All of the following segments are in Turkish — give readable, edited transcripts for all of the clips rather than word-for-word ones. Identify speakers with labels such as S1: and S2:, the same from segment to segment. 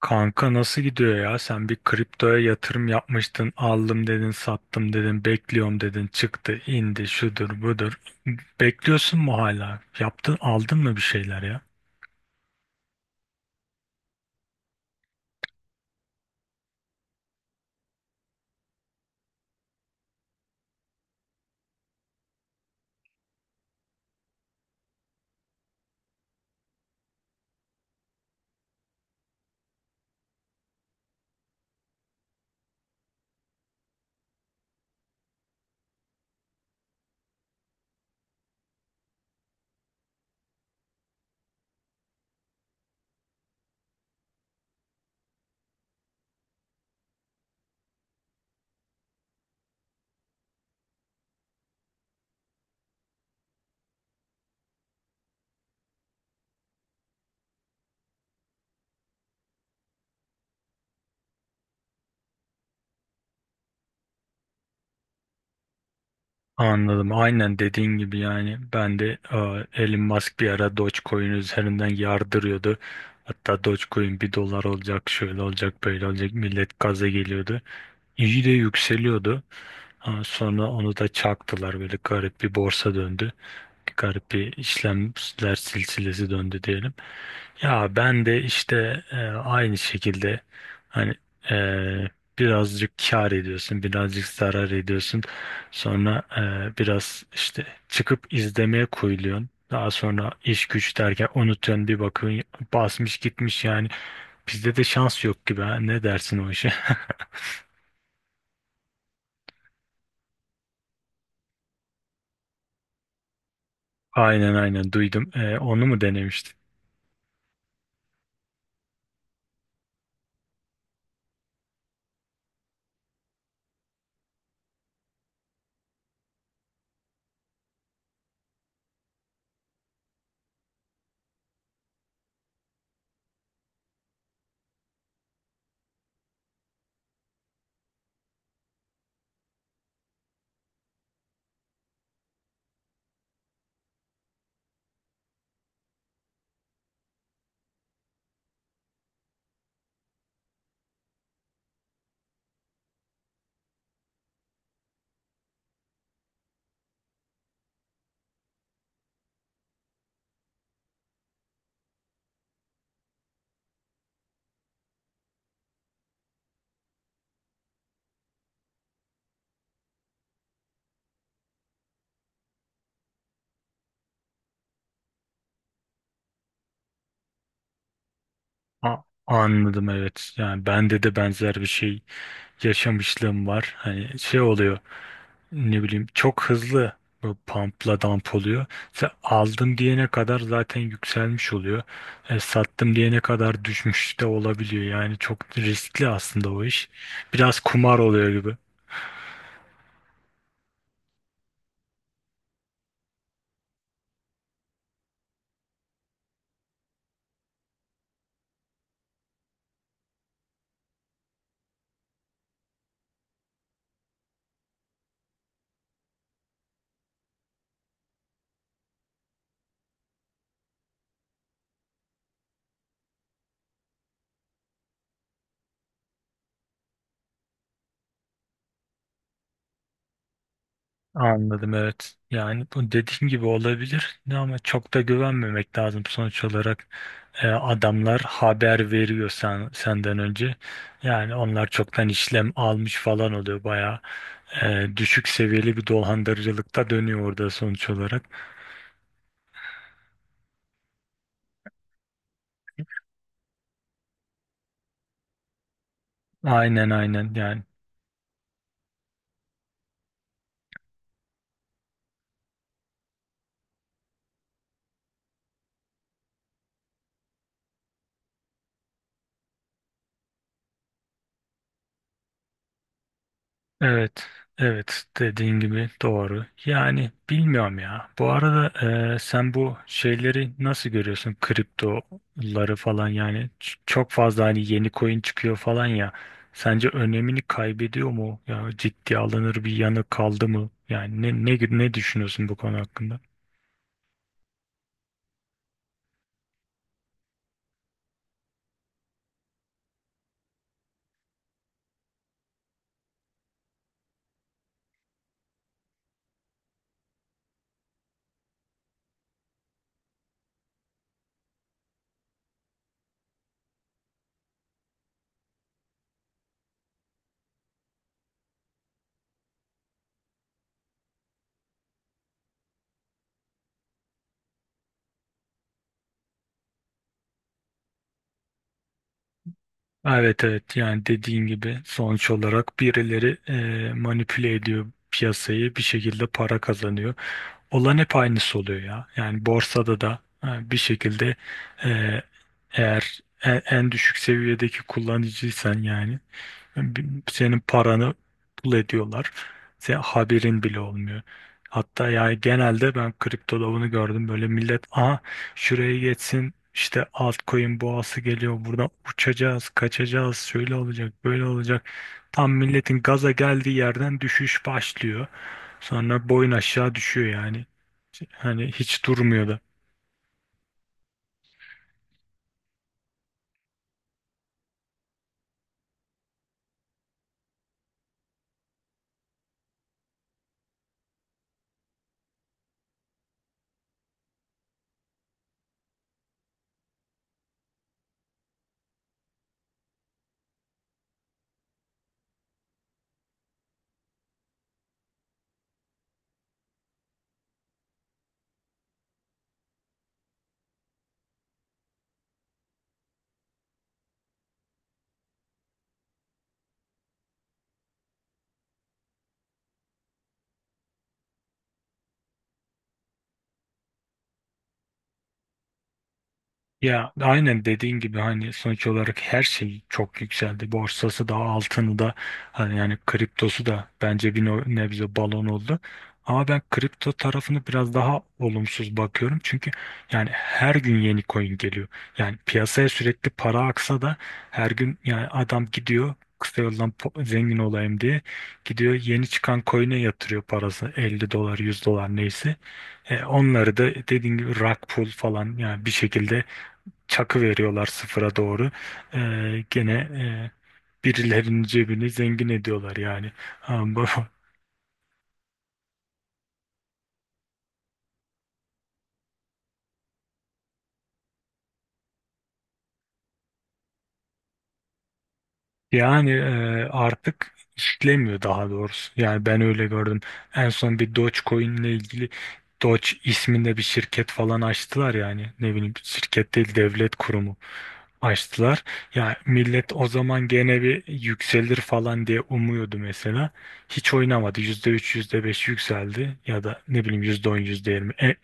S1: Kanka nasıl gidiyor ya? Sen bir kriptoya yatırım yapmıştın. Aldım dedin, sattım dedin, bekliyorum dedin. Çıktı, indi, şudur, budur. Bekliyorsun mu hala? Yaptın, aldın mı bir şeyler ya? Anladım. Aynen dediğin gibi yani ben de Elon Musk bir ara Dogecoin üzerinden yardırıyordu. Hatta Dogecoin bir dolar olacak, şöyle olacak, böyle olacak. Millet gaza geliyordu. İyi de yükseliyordu. Ha, sonra onu da çaktılar. Böyle garip bir borsa döndü. Garip bir işlemler silsilesi döndü diyelim. Ya ben de işte aynı şekilde hani e, birazcık kâr ediyorsun, birazcık zarar ediyorsun. Sonra biraz işte çıkıp izlemeye koyuluyorsun. Daha sonra iş güç derken unutuyorsun bir bakın basmış gitmiş yani. Bizde de şans yok gibi ha. Ne dersin o işe? Aynen aynen duydum. E, onu mu denemiştin? A- Anladım, evet. Yani bende de benzer bir şey yaşamışlığım var. Hani şey oluyor. Ne bileyim, çok hızlı bu pumpla dump oluyor. Sen aldım diyene kadar zaten yükselmiş oluyor. E, sattım diyene kadar düşmüş de olabiliyor. Yani çok riskli aslında o iş. Biraz kumar oluyor gibi. Anladım, evet. Yani bu dediğim gibi olabilir. Ne ama çok da güvenmemek lazım sonuç olarak. Adamlar haber veriyor senden önce. Yani onlar çoktan işlem almış falan oluyor bayağı. Düşük seviyeli bir dolandırıcılıkta dönüyor orada sonuç olarak. Aynen aynen yani. Evet evet, dediğin gibi doğru. Yani bilmiyorum ya. Bu arada sen bu şeyleri nasıl görüyorsun? Kriptoları falan yani. Çok fazla hani yeni coin çıkıyor falan ya. Sence önemini kaybediyor mu? Ya ciddiye alınır bir yanı kaldı mı? Yani ne düşünüyorsun bu konu hakkında? Evet evet, yani dediğin gibi sonuç olarak birileri manipüle ediyor piyasayı, bir şekilde para kazanıyor. Olan hep aynısı oluyor ya. Yani borsada da bir şekilde e, eğer en düşük seviyedeki kullanıcıysan yani senin paranı pul ediyorlar. Sen haberin bile olmuyor. Hatta yani genelde ben kriptoda bunu gördüm. Böyle millet aha şuraya geçsin işte altcoin boğası geliyor. Buradan uçacağız, kaçacağız, şöyle olacak, böyle olacak. Tam milletin gaza geldiği yerden düşüş başlıyor. Sonra boyun aşağı düşüyor yani. Hani hiç durmuyor da. Ya aynen dediğin gibi hani sonuç olarak her şey çok yükseldi. Borsası da, altını da hani yani kriptosu da bence bir nebze balon oldu. Ama ben kripto tarafını biraz daha olumsuz bakıyorum. Çünkü yani her gün yeni coin geliyor. Yani piyasaya sürekli para aksa da her gün yani adam gidiyor kısa yoldan zengin olayım diye gidiyor yeni çıkan coin'e yatırıyor, parası 50 dolar 100 dolar neyse. E, onları da dediğin gibi rug pull falan yani bir şekilde çakı veriyorlar sıfıra doğru. Gene birilerinin cebini zengin ediyorlar yani. Ama Yani artık işlemiyor daha doğrusu. Yani ben öyle gördüm. En son bir Dogecoin ile ilgili Doge isminde bir şirket falan açtılar yani. Ne bileyim, şirket değil, devlet kurumu açtılar. Ya millet o zaman gene bir yükselir falan diye umuyordu mesela. Hiç oynamadı. Yüzde üç yüzde beş yükseldi ya da ne bileyim yüzde on yüzde yirmi.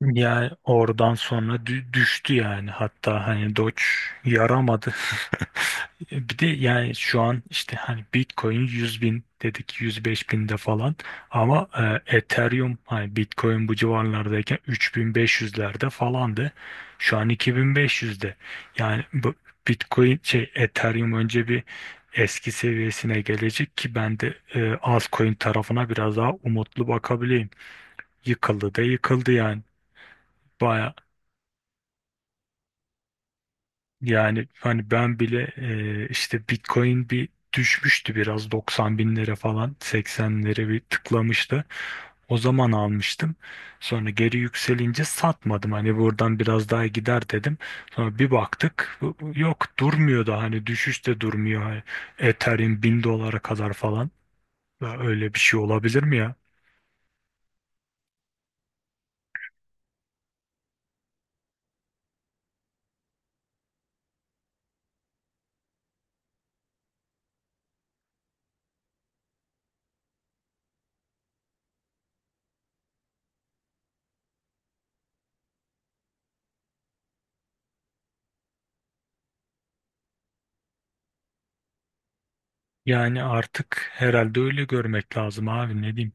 S1: Yani oradan sonra düştü yani, hatta hani Doge yaramadı. Bir de yani şu an işte hani Bitcoin 100 bin dedik, 105 binde falan, ama Ethereum hani Bitcoin bu civarlardayken 3500'lerde falandı. Şu an 2500'de. Yani bu Bitcoin şey Ethereum önce bir eski seviyesine gelecek ki ben de altcoin tarafına biraz daha umutlu bakabileyim. Yıkıldı da yıkıldı yani. Yani hani ben bile işte Bitcoin bir düşmüştü, biraz 90 binlere falan 80'lere bir tıklamıştı. O zaman almıştım. Sonra geri yükselince satmadım. Hani buradan biraz daha gider dedim. Sonra bir baktık yok durmuyor da, hani düşüş de durmuyor. Hani Ethereum 1000 dolara kadar falan. Ya öyle bir şey olabilir mi ya? Yani artık herhalde öyle görmek lazım abi, ne diyeyim.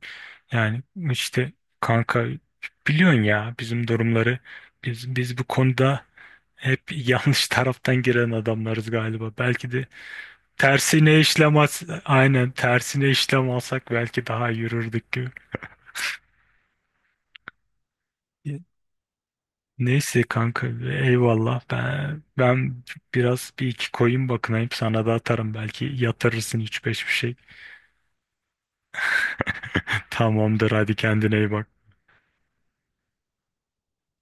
S1: Yani işte kanka biliyorsun ya bizim durumları biz bu konuda hep yanlış taraftan giren adamlarız galiba. Belki de tersine işlemez, aynen tersine işlem alsak belki daha yürürdük gibi. E, Neyse kanka, eyvallah. Ben biraz bir iki koyun bakınayım, sana da atarım belki yatırırsın üç beş bir şey. Tamamdır, hadi kendine iyi bak.